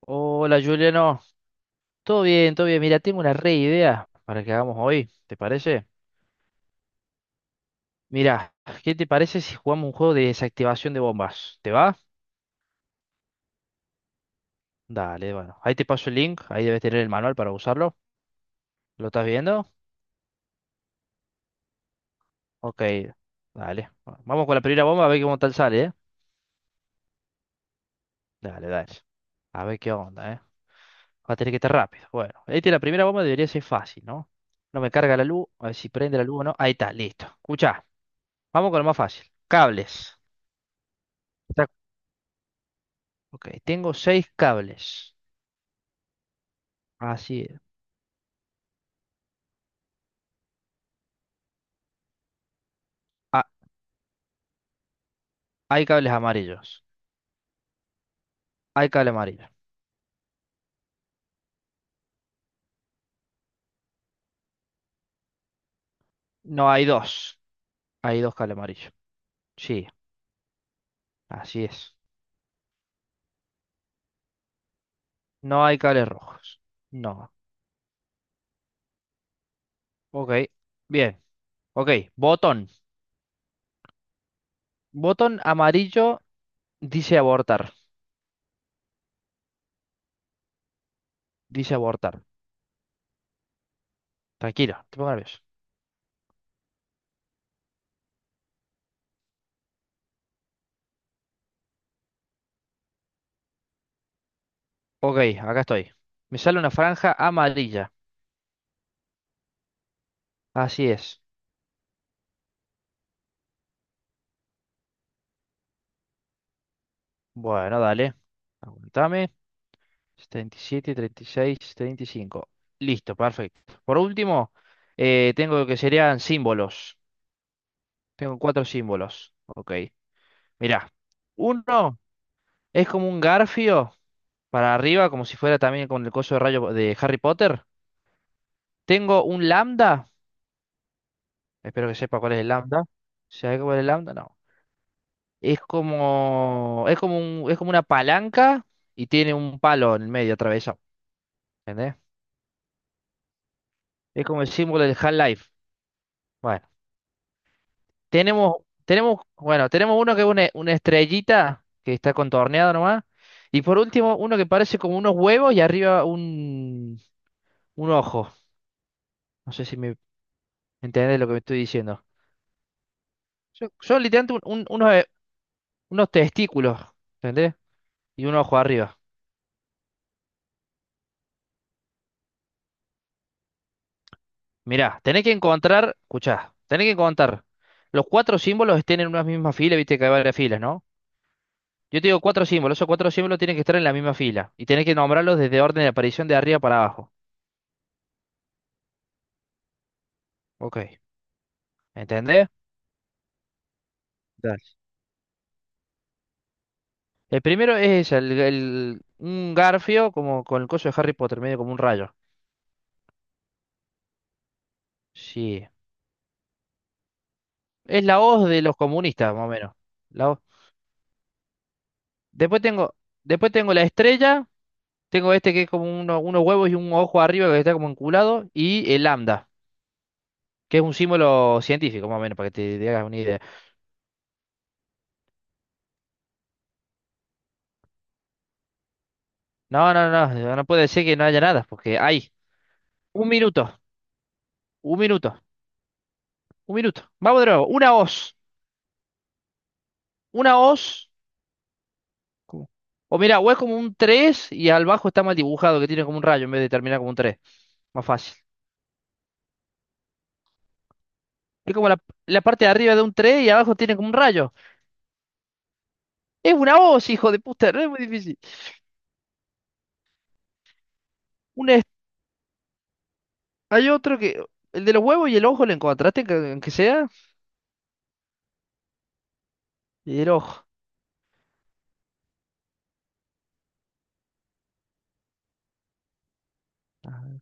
Hola Juliano, todo bien, todo bien. Mira, tengo una re idea para que hagamos hoy, ¿te parece? Mira, ¿qué te parece si jugamos un juego de desactivación de bombas? ¿Te va? Dale, bueno, ahí te paso el link, ahí debes tener el manual para usarlo. ¿Lo estás viendo? Ok, dale. Bueno, vamos con la primera bomba a ver cómo tal sale, ¿eh? Dale, dale. A ver qué onda, ¿eh? Va a tener que estar rápido. Bueno, ahí tiene la primera bomba, debería ser fácil, ¿no? No me carga la luz, a ver si prende la luz o no. Ahí está, listo. Escucha, vamos con lo más fácil. Cables. Ok, tengo seis cables. Así es. Ah, hay cables amarillos. Hay cable amarillo. No, hay dos. Hay dos cables amarillos. Sí, así es. No hay cables rojos. No. Ok, bien. Ok, botón. Botón amarillo dice abortar. Dice abortar. Tranquilo, no te pongo nervioso. Ok, acá estoy. Me sale una franja amarilla. Así es. Bueno, dale. Aguantame. 37, 36, 35. Listo, perfecto. Por último, tengo lo que serían símbolos. Tengo cuatro símbolos. Ok. Mirá. Uno es como un garfio para arriba, como si fuera también con el coso de rayo de Harry Potter. Tengo un lambda. Espero que sepa cuál es el lambda. ¿Sabe cuál es el lambda? No. Es como, es como es como una palanca y tiene un palo en el medio atravesado. ¿Entendés? Es como el símbolo del Half-Life. Bueno. Tenemos, bueno, tenemos uno que es una estrellita que está contorneado nomás. Y por último, uno que parece como unos huevos y arriba un ojo. No sé si me entendés lo que me estoy diciendo. Son, son literalmente unos, unos testículos, ¿entendés? Y un ojo arriba. Mirá, tenés que encontrar, escuchá, tenés que encontrar. Los cuatro símbolos estén en una misma fila, viste que hay varias filas, ¿no? Yo te digo cuatro símbolos, esos cuatro símbolos tienen que estar en la misma fila. Y tenés que nombrarlos desde orden de aparición de arriba para abajo. Ok. ¿Entendés? Dale. El primero es ella, un garfio como con el coso de Harry Potter, medio como un rayo. Sí. Es la hoz de los comunistas, más o menos. La hoz. Después tengo, después tengo la estrella, tengo este que es como unos huevos y un ojo arriba que está como enculado, y el lambda, que es un símbolo científico, más o menos, para que te hagas una idea. No, no, no, no puede ser que no haya nada, porque hay un minuto, un minuto, un minuto. Vamos de nuevo, una hoz. Como... o mira, o es como un 3 y al bajo está mal dibujado, que tiene como un rayo en vez de terminar como un tres. Más fácil. Es como la parte de arriba de un 3 y abajo tiene como un rayo. Es una hoz, hijo de puta, no es muy difícil. Un est- hay otro que. El de los huevos y el ojo, ¿le encontraste, que- aunque sea? Y el ojo.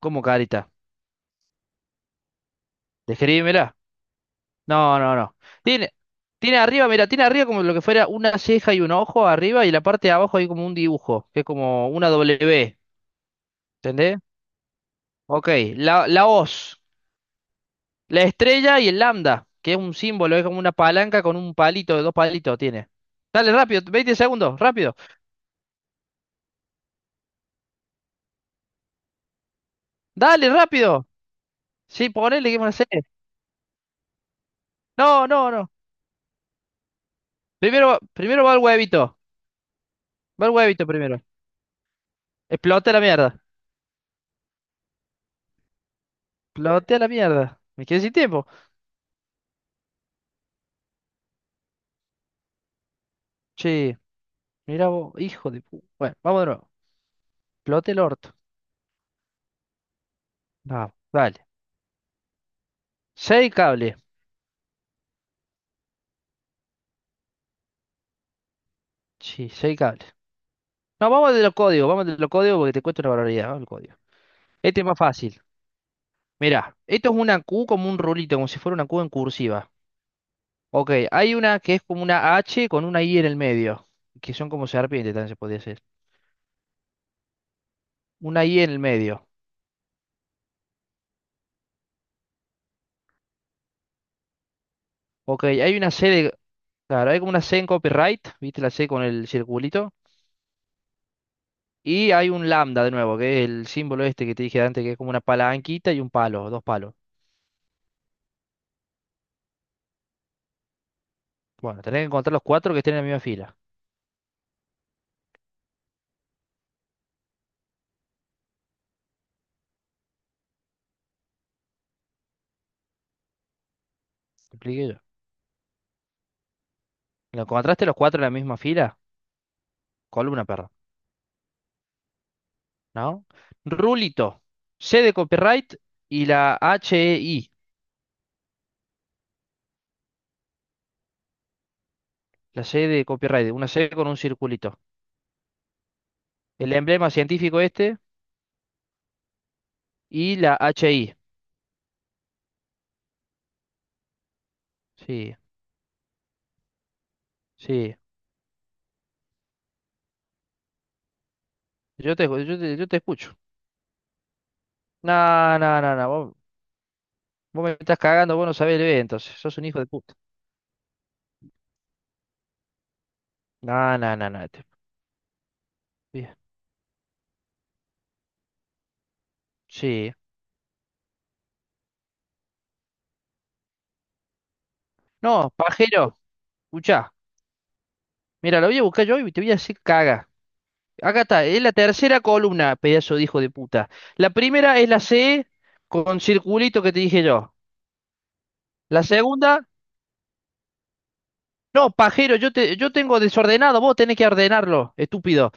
¿Cómo carita? Describímela. No, no, no. Tiene, tiene arriba, mira, tiene arriba como lo que fuera una ceja y un ojo arriba y la parte de abajo hay como un dibujo, que es como una W. ¿Entendés? Ok, la hoz. La estrella y el lambda, que es un símbolo, es como una palanca con un palito, dos palitos tiene. Dale, rápido, 20 segundos, rápido. Dale, rápido. Sí, ponele, ¿qué a hacer? No, no, no. Primero, primero va el huevito. Va el huevito primero. Explota la mierda. Explote la mierda. Me quedé sin tiempo. Che, mira vos, hijo de pu-. Bueno, vamos de nuevo. Explote el orto. Vamos, dale. Seis cables. Sí, seis cables. No, vamos de los códigos, vamos de los códigos porque te cuesta una barbaridad. Vamos al código. Este es más fácil. Mira, esto es una Q como un rulito, como si fuera una Q en cursiva. Ok, hay una que es como una H con una I en el medio, que son como serpientes, también se podría hacer. Una I en el medio. Ok, hay una C de... claro, hay como una C en copyright, ¿viste la C con el circulito? Y hay un lambda de nuevo, que es el símbolo este que te dije antes, que es como una palanquita y un palo, dos palos. Bueno, tenés que encontrar los cuatro que estén en la misma fila. ¿Me expliqué yo? ¿Lo encontraste los cuatro en la misma fila? Columna, perro. ¿No? Rulito, C de copyright y la HEI, la C de copyright, una C con un circulito. El emblema científico este y la HI. Sí, sí. Yo te escucho. No, no, no, no. Vos me estás cagando, vos no sabés leer, entonces. Sos un hijo de puta. No, no, no, no. Te- bien. Sí. No, pajero, escuchá. Mira, lo voy a buscar yo y te voy a decir caga. Acá está, es la tercera columna, pedazo de hijo de puta. La primera es la C con circulito que te dije yo. La segunda, no, pajero, yo tengo desordenado, vos tenés que ordenarlo, estúpido.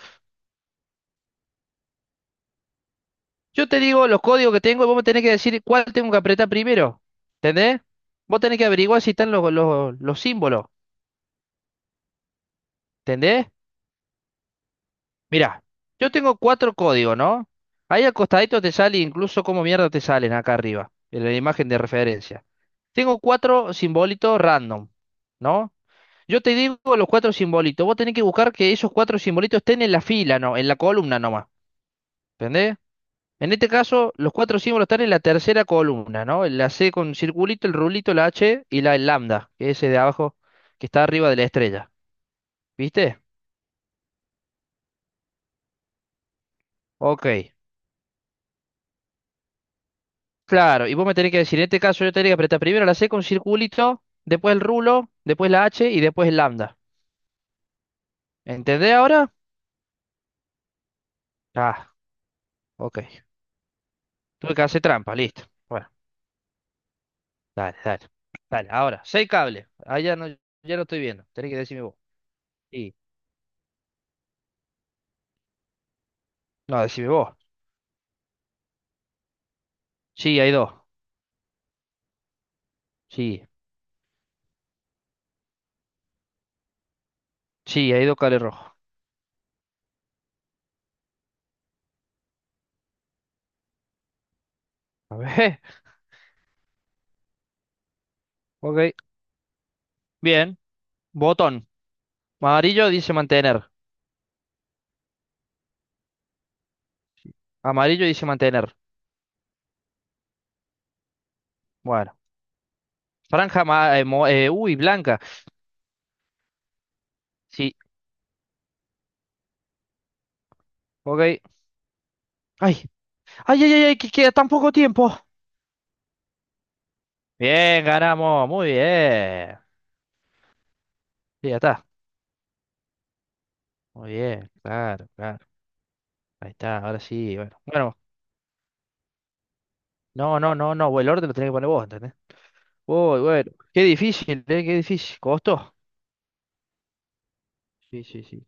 Yo te digo los códigos que tengo y vos me tenés que decir cuál tengo que apretar primero. ¿Entendés? Vos tenés que averiguar si están los símbolos. ¿Entendés? Mira, yo tengo cuatro códigos, ¿no? Ahí al te sale incluso cómo mierda te salen acá arriba, en la imagen de referencia. Tengo cuatro simbolitos random, ¿no? Yo te digo los cuatro simbolitos. Vos tenés que buscar que esos cuatro simbolitos estén en la fila, ¿no? En la columna nomás. ¿Entendés? En este caso, los cuatro símbolos están en la tercera columna, ¿no? La C con circulito, el rulito, la H y la lambda, que es ese de abajo, que está arriba de la estrella. ¿Viste? Ok. Claro, y vos me tenés que decir, en este caso yo tenía que apretar primero la C con circulito, después el rulo, después la H y después el lambda. ¿Entendés ahora? Ah, ok. Tuve que hacer trampa, listo. Bueno, dale, dale. Dale, ahora, seis cables. Ah, ya no, ya no estoy viendo. Tenés que decirme vos. Sí. No, decime vos. Sí, hay dos. Sí. Sí, hay dos cables rojos. A ver. Ok. Bien. Botón. Amarillo dice mantener. Amarillo dice mantener. Bueno. Franja blanca. Sí. Ok. Ay, ay, ay, ay, ay, que queda tan poco tiempo. Bien, ganamos, muy bien. Sí, ya está. Muy bien, claro, claro. Ahí está, ahora sí, bueno. Bueno, no, no, no, no, el orden lo tenés que poner vos, ¿entendés? Uy, bueno, qué difícil, ¿eh? Qué difícil. ¿Costó? Sí, sí, sí.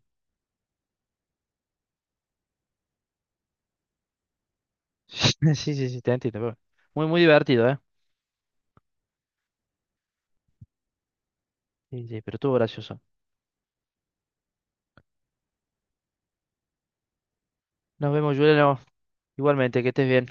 Sí, sí, sí, te entiendo. Pero bueno. Muy, muy divertido, ¿eh? Sí, sí, pero estuvo gracioso. Nos vemos, Juliano. Igualmente, que estés bien.